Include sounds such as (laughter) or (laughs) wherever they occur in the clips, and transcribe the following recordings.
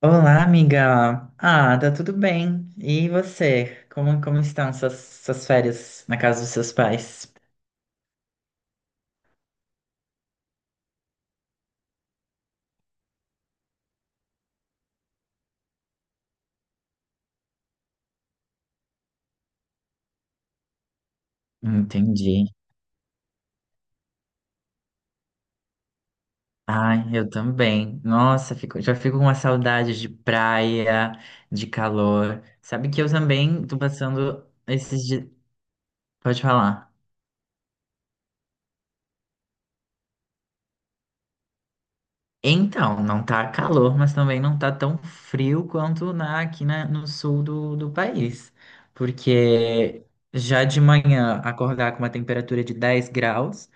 Olá, amiga. Ah, tá tudo bem. E você? Como estão suas férias na casa dos seus pais? Entendi. Ai, eu também. Nossa, já fico com uma saudade de praia, de calor. Sabe que eu também tô passando esses dias. Pode falar. Então, não tá calor, mas também não tá tão frio quanto aqui no sul do país. Porque já de manhã acordar com uma temperatura de 10 graus.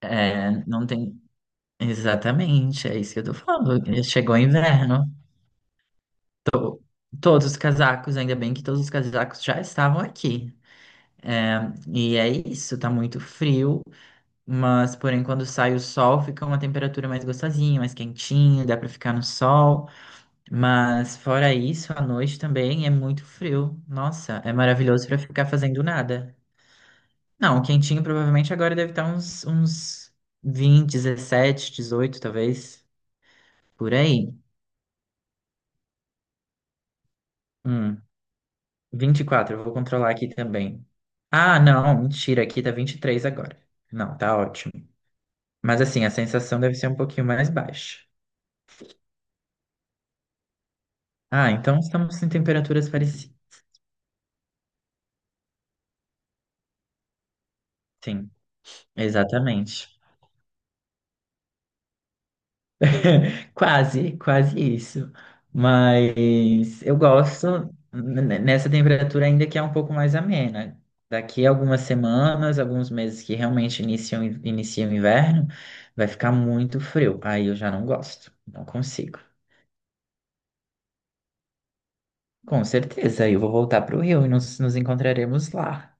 É, não tem. Exatamente, é isso que eu tô falando. Chegou o inverno. Todos os casacos, ainda bem que todos os casacos já estavam aqui. É, e é isso, tá muito frio, mas porém quando sai o sol fica uma temperatura mais gostosinha, mais quentinha, dá pra ficar no sol. Mas fora isso, à noite também é muito frio. Nossa, é maravilhoso pra ficar fazendo nada. Não, quentinho provavelmente agora deve estar uns 20, 17, 18 talvez, por aí. Hum, 24, eu vou controlar aqui também. Ah, não, mentira, aqui tá 23 agora. Não, tá ótimo. Mas assim, a sensação deve ser um pouquinho mais baixa. Ah, então estamos em temperaturas parecidas. Sim, exatamente. (laughs) Quase, quase isso. Mas eu gosto nessa temperatura ainda que é um pouco mais amena. Daqui a algumas semanas, alguns meses que realmente inicia o inverno, vai ficar muito frio. Aí eu já não gosto, não consigo. Com certeza, eu vou voltar para o Rio e nos encontraremos lá,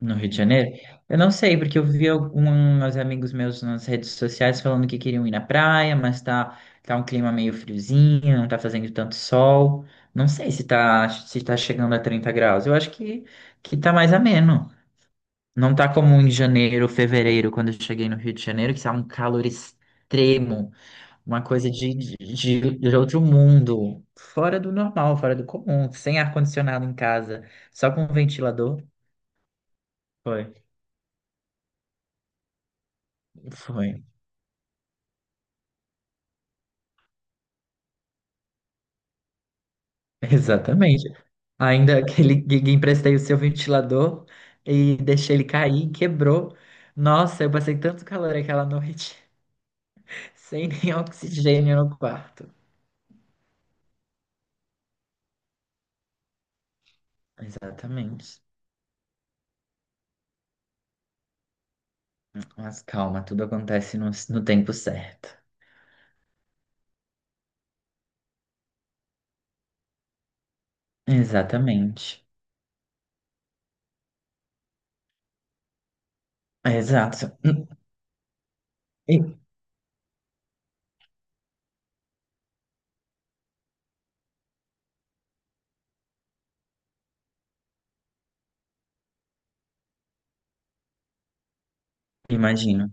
no Rio de Janeiro. Eu não sei, porque eu vi alguns amigos meus nas redes sociais falando que queriam ir na praia, mas tá um clima meio friozinho, não tá fazendo tanto sol. Não sei se tá chegando a 30 graus. Eu acho que tá mais ameno. Não tá como em janeiro, fevereiro, quando eu cheguei no Rio de Janeiro, que tá um calor extremo. Uma coisa de outro mundo, fora do normal, fora do comum, sem ar-condicionado em casa, só com um ventilador. Foi, foi, exatamente. Ainda aquele gig, emprestei o seu ventilador e deixei ele cair, quebrou. Nossa, eu passei tanto calor aquela noite, (laughs) sem nem oxigênio no quarto. Exatamente. Mas calma, tudo acontece no tempo certo. Exatamente. Exato. E- Imagino.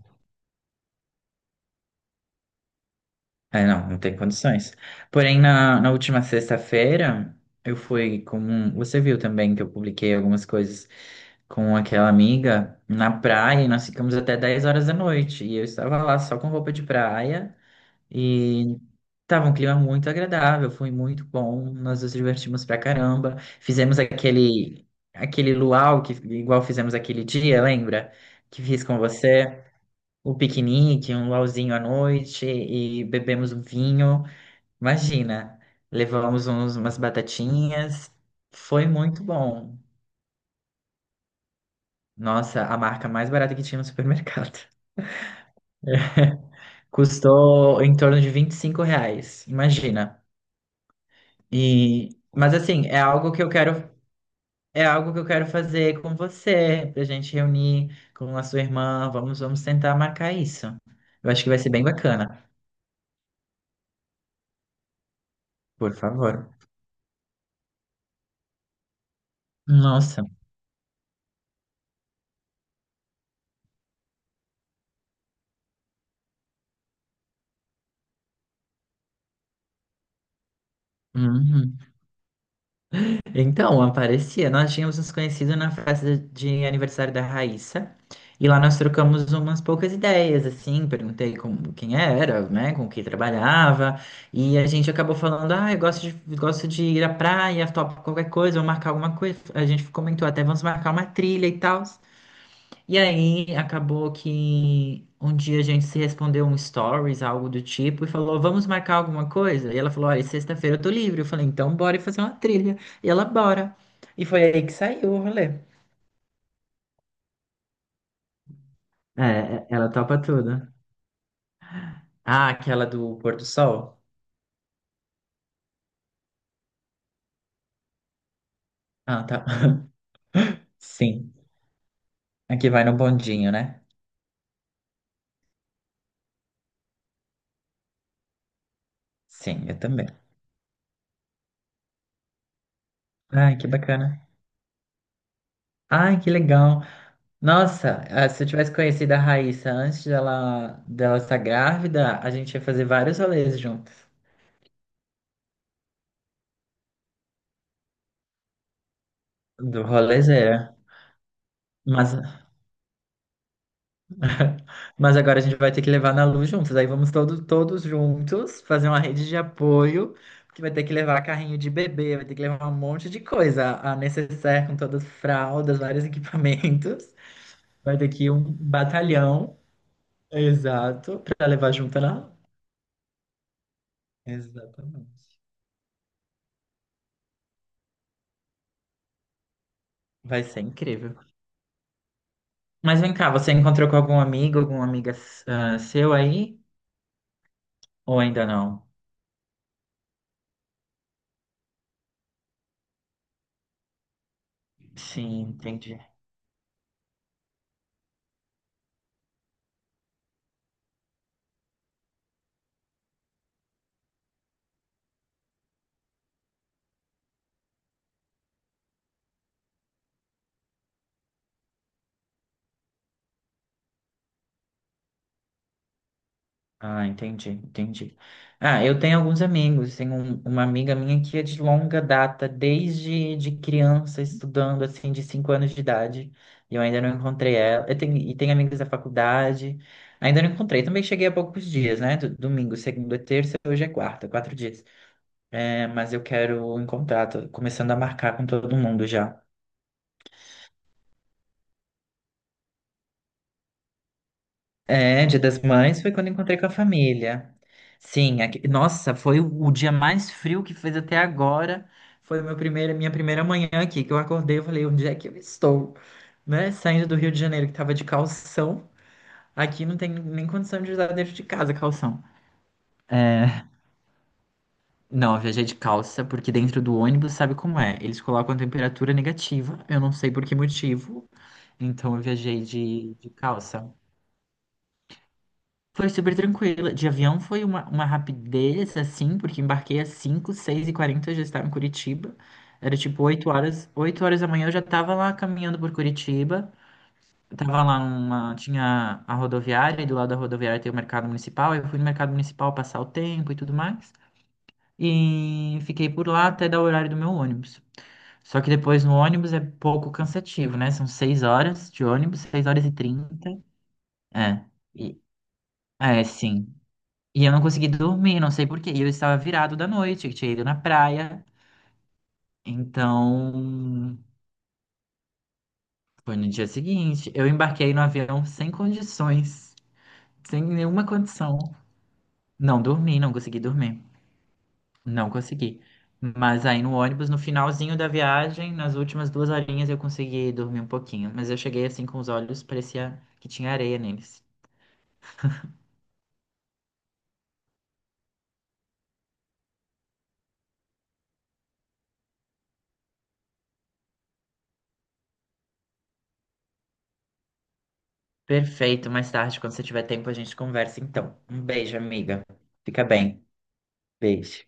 É, não, não tem condições. Porém, na última sexta-feira, eu fui com. Você viu também que eu publiquei algumas coisas com aquela amiga na praia e nós ficamos até 10 horas da noite. E eu estava lá só com roupa de praia e tava um clima muito agradável, foi muito bom. Nós nos divertimos pra caramba. Fizemos aquele luau que igual fizemos aquele dia, lembra? Que fiz com você o piquenique, um luauzinho à noite e bebemos um vinho. Imagina, levamos umas batatinhas. Foi muito bom. Nossa, a marca mais barata que tinha no supermercado. (laughs) Custou em torno de R$ 25, imagina. E, mas assim, é algo que eu quero, é algo que eu quero fazer com você, pra gente reunir com a sua irmã. Vamos tentar marcar isso. Eu acho que vai ser bem bacana. Por favor. Nossa. Uhum. Então, aparecia. Nós tínhamos nos conhecido na festa de aniversário da Raíssa. E lá nós trocamos umas poucas ideias, assim, perguntei como, quem era, né, com quem trabalhava, e a gente acabou falando, ah, gosto de ir à praia, topo qualquer coisa, vou marcar alguma coisa. A gente comentou até, vamos marcar uma trilha e tal. E aí acabou que um dia a gente se respondeu um stories, algo do tipo, e falou, vamos marcar alguma coisa? E ela falou, olha, sexta-feira eu tô livre. Eu falei, então bora fazer uma trilha. E ela, bora. E foi aí que saiu o rolê. É, ela topa tudo. Ah, aquela do pôr do sol? Ah, tá. (laughs) Sim. Aqui vai no bondinho, né? Sim, eu também. Ai, que bacana. Ai, que legal. Nossa, ah, se eu tivesse conhecido a Raíssa dela estar grávida, a gente ia fazer vários rolês juntos. Do rolezeira. Mas, (laughs) mas agora a gente vai ter que levar na Lu juntos. Aí vamos todos juntos fazer uma rede de apoio, porque vai ter que levar carrinho de bebê, vai ter que levar um monte de coisa. A necessaire com todas as fraldas, vários (laughs) equipamentos. Vai ter que ir um batalhão, exato, para levar junto lá. Exatamente. Vai ser incrível. Mas vem cá, você encontrou com algum amigo, alguma amiga ah, seu aí? Ou ainda não? Sim, entendi. Ah, entendi, entendi. Ah, eu tenho alguns amigos. Tenho uma amiga minha que é de longa data, desde de criança, estudando, assim, de 5 anos de idade. E eu ainda não encontrei ela. E tenho amigos da faculdade. Ainda não encontrei. Também cheguei há poucos dias, né? Domingo, segunda, terça, hoje é quarta, 4 dias. É, mas eu quero encontrar, tô começando a marcar com todo mundo já. É, Dia das Mães foi quando encontrei com a família. Sim, nossa, foi o dia mais frio que fez até agora. Foi minha primeira manhã aqui, que eu acordei e falei, onde é que eu estou? Né? Saindo do Rio de Janeiro, que tava de calção. Aqui não tem nem condição de usar dentro de casa calção. É, não, eu viajei de calça, porque dentro do ônibus sabe como é. Eles colocam a temperatura negativa, eu não sei por que motivo. Então eu viajei de calça. Foi super tranquila. De avião foi uma rapidez, assim, porque embarquei às 5, 6:40 eu já estava em Curitiba. Era tipo 8 horas. 8 horas da manhã eu já estava lá caminhando por Curitiba. Eu tava lá numa. Tinha a rodoviária, e do lado da rodoviária tem o mercado municipal. Eu fui no mercado municipal passar o tempo e tudo mais. E fiquei por lá até dar o horário do meu ônibus. Só que depois no ônibus é pouco cansativo, né? São 6 horas de ônibus, 6h30. É. E- É, sim. E eu não consegui dormir, não sei por quê. E eu estava virado da noite, eu tinha ido na praia. Então, foi no dia seguinte. Eu embarquei no avião sem condições, sem nenhuma condição. Não dormi, não consegui dormir. Não consegui. Mas aí no ônibus, no finalzinho da viagem, nas últimas 2 horinhas, eu consegui dormir um pouquinho. Mas eu cheguei assim com os olhos, parecia que tinha areia neles. Perfeito, mais tarde, quando você tiver tempo, a gente conversa então. Um beijo, amiga. Fica bem. Beijo.